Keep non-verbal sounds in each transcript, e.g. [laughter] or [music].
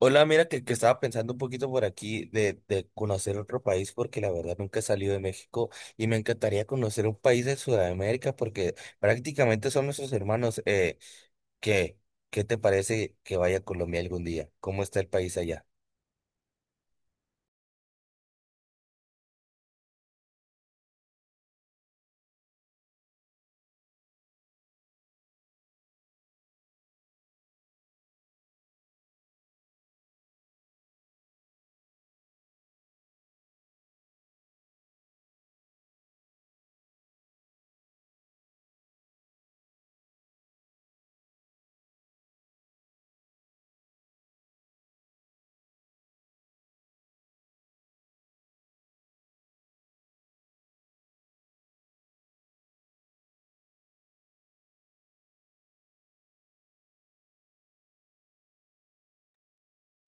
Hola, mira que estaba pensando un poquito por aquí de conocer otro país porque la verdad nunca he salido de México y me encantaría conocer un país de Sudamérica porque prácticamente son nuestros hermanos. ¿Qué, qué te parece que vaya a Colombia algún día? ¿Cómo está el país allá?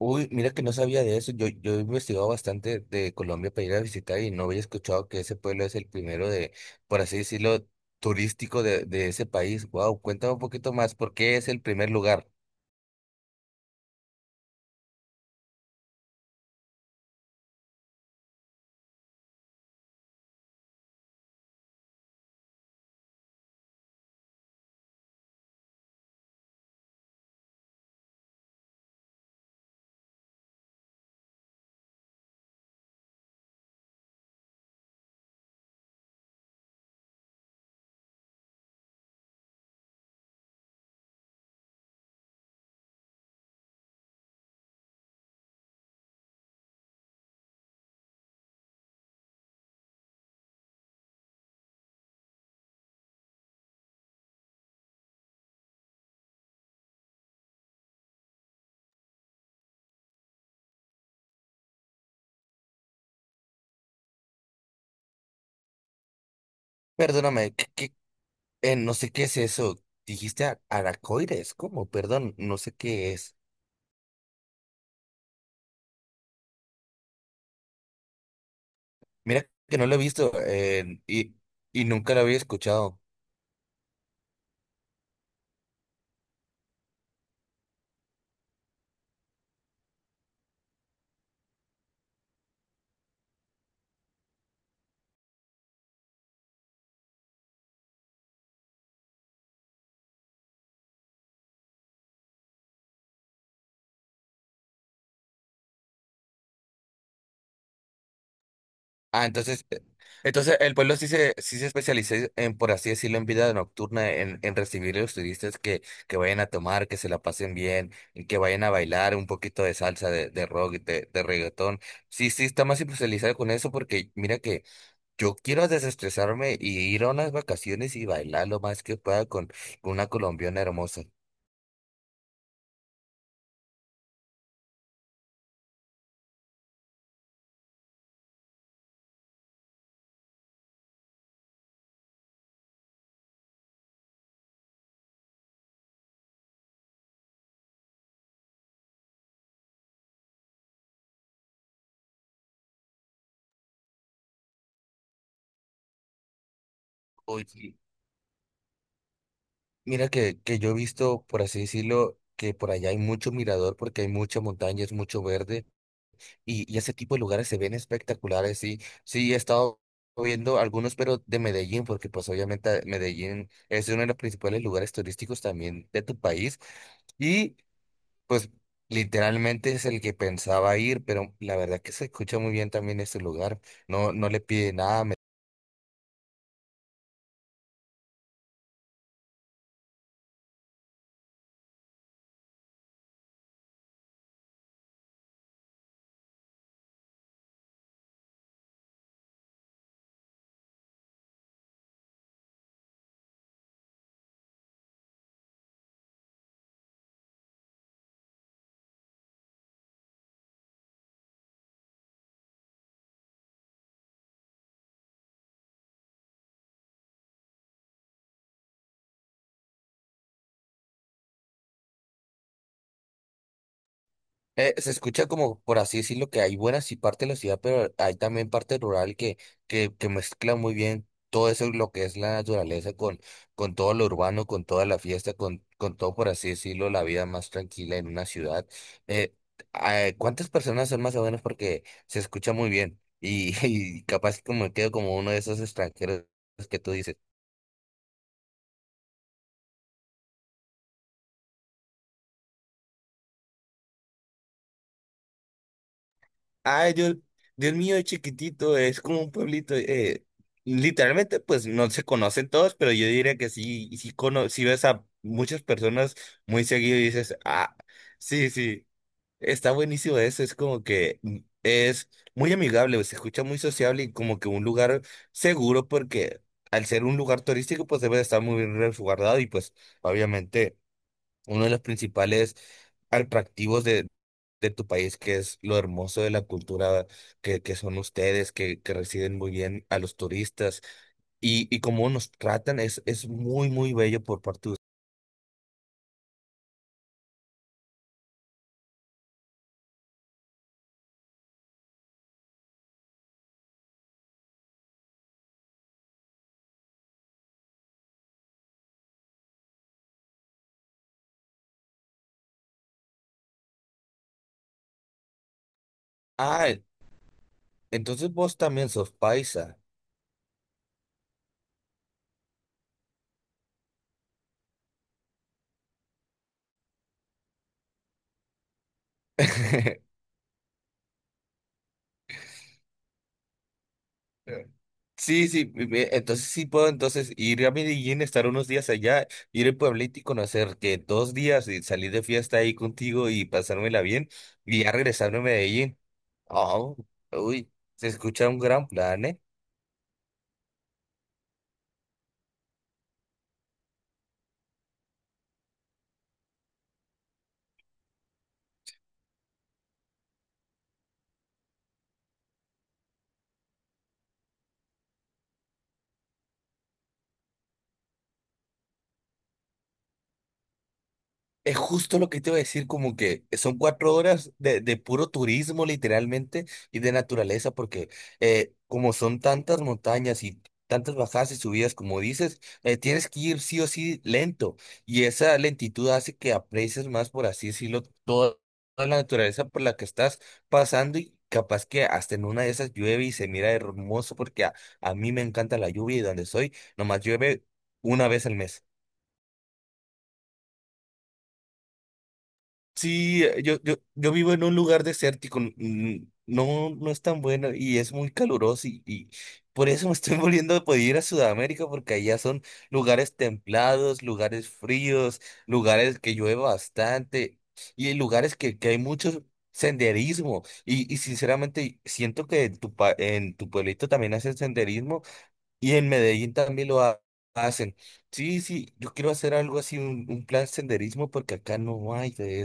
Uy, mira que no sabía de eso. Yo he investigado bastante de Colombia para ir a visitar y no había escuchado que ese pueblo es el primero de, por así decirlo, turístico de ese país. Wow, cuéntame un poquito más, ¿por qué es el primer lugar? Perdóname, ¿ no sé qué es eso. Dijiste Aracoides, ¿cómo? Perdón, no sé qué es. Mira que no lo he visto, y nunca lo había escuchado. Ah, entonces, eh, entonces el pueblo sí se especializa en, por así decirlo, en vida nocturna, en recibir a los turistas que vayan a tomar, que se la pasen bien, y que vayan a bailar un poquito de salsa, de rock, de reggaetón. Sí, sí, está más especializado con eso porque mira que yo quiero desestresarme y ir a unas vacaciones y bailar lo más que pueda con una colombiana hermosa. Oye, mira que yo he visto, por así decirlo, que por allá hay mucho mirador porque hay mucha montaña, es mucho verde y ese tipo de lugares se ven espectaculares. Sí, sí, he estado viendo algunos, pero de Medellín, porque pues obviamente Medellín es uno de los principales lugares turísticos también de tu país. Pues literalmente es el que pensaba ir, pero la verdad que se escucha muy bien también este lugar. No, no le pide nada. Se escucha como, por así decirlo, que hay buenas y parte de la ciudad, pero hay también parte rural que mezcla muy bien todo eso, lo que es la naturaleza, con todo lo urbano, con toda la fiesta, con todo, por así decirlo, la vida más tranquila en una ciudad. Eh, ¿Cuántas personas son más o menos? Porque se escucha muy bien y, [laughs] y capaz como quedo como uno de esos extranjeros que tú dices. Ay, Dios, Dios mío, es chiquitito, es como un pueblito. Literalmente, pues no se conocen todos, pero yo diría que sí, y sí, cono sí ves a muchas personas muy seguido y dices, ah, sí, sí, está buenísimo eso. Es como que es muy amigable, se escucha muy sociable y como que un lugar seguro, porque al ser un lugar turístico, pues debe de estar muy bien resguardado y pues obviamente uno de los principales atractivos de tu país, que es lo hermoso de la cultura que son ustedes, que reciben muy bien a los turistas y cómo nos tratan, es muy, muy bello por parte de ustedes. Ah, e, entonces vos también sos paisa. [laughs] Sí, sí, entonces sí puedo entonces ir a Medellín, estar unos días allá, ir al pueblito y conocer que dos días y salir de fiesta ahí contigo y pasármela bien y ya regresarme a Medellín. Oh, uy, se escucha un gran plan, ¿eh? Es justo lo que te iba a decir, como que son cuatro horas de puro turismo literalmente y de naturaleza, porque como son tantas montañas y tantas bajadas y subidas, como dices, tienes que ir sí o sí lento y esa lentitud hace que aprecies más, por así decirlo, toda, toda la naturaleza por la que estás pasando y capaz que hasta en una de esas llueve y se mira hermoso porque a mí me encanta la lluvia y donde soy, nomás llueve una vez al mes. Sí, yo vivo en un lugar desértico, no, no es tan bueno y es muy caluroso y por eso me estoy [laughs] volviendo a poder ir a Sudamérica porque allá son lugares templados, lugares fríos, lugares que llueve bastante y hay lugares que hay mucho senderismo y sinceramente siento que en en tu pueblito también hacen senderismo y en Medellín también lo hacen. Sí, sí, yo quiero hacer algo así, un plan senderismo porque acá no hay de.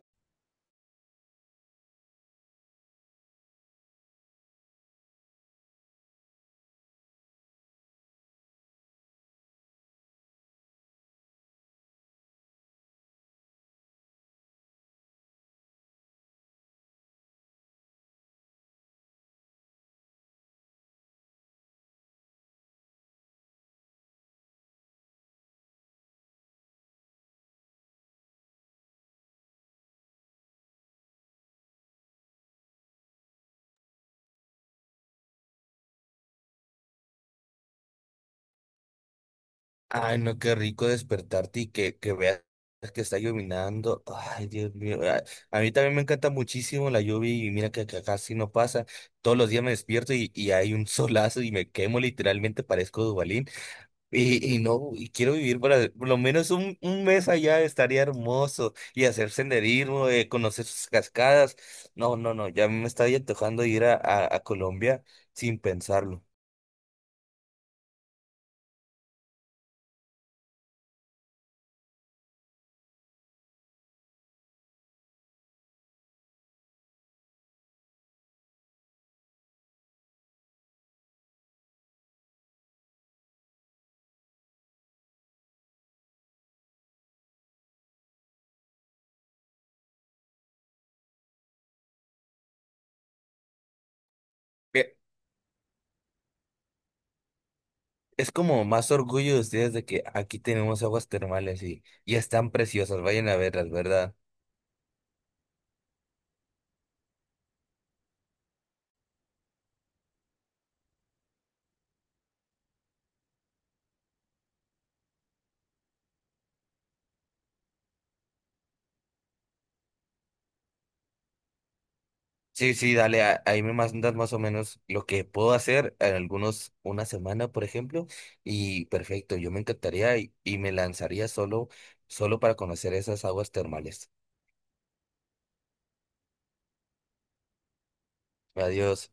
Ay, no, qué rico despertarte y que veas que está llovinando. Ay, Dios mío. A mí también me encanta muchísimo la lluvia y mira que acá casi no pasa. Todos los días me despierto y hay un [laughs] solazo y me quemo literalmente, parezco Dubalín. Y no, y quiero vivir para por lo menos un mes allá, estaría hermoso y hacer senderismo, conocer sus cascadas. No, no, no, ya me está antojando ir a Colombia sin pensarlo. Es como más orgullo de ustedes de que aquí tenemos aguas termales y están preciosas, vayan a verlas, ¿verdad? Sí, sí, dale, ahí me mandas más o menos lo que puedo hacer en algunos, una semana, por ejemplo, y perfecto, yo me encantaría y me lanzaría solo, solo para conocer esas aguas termales. Adiós.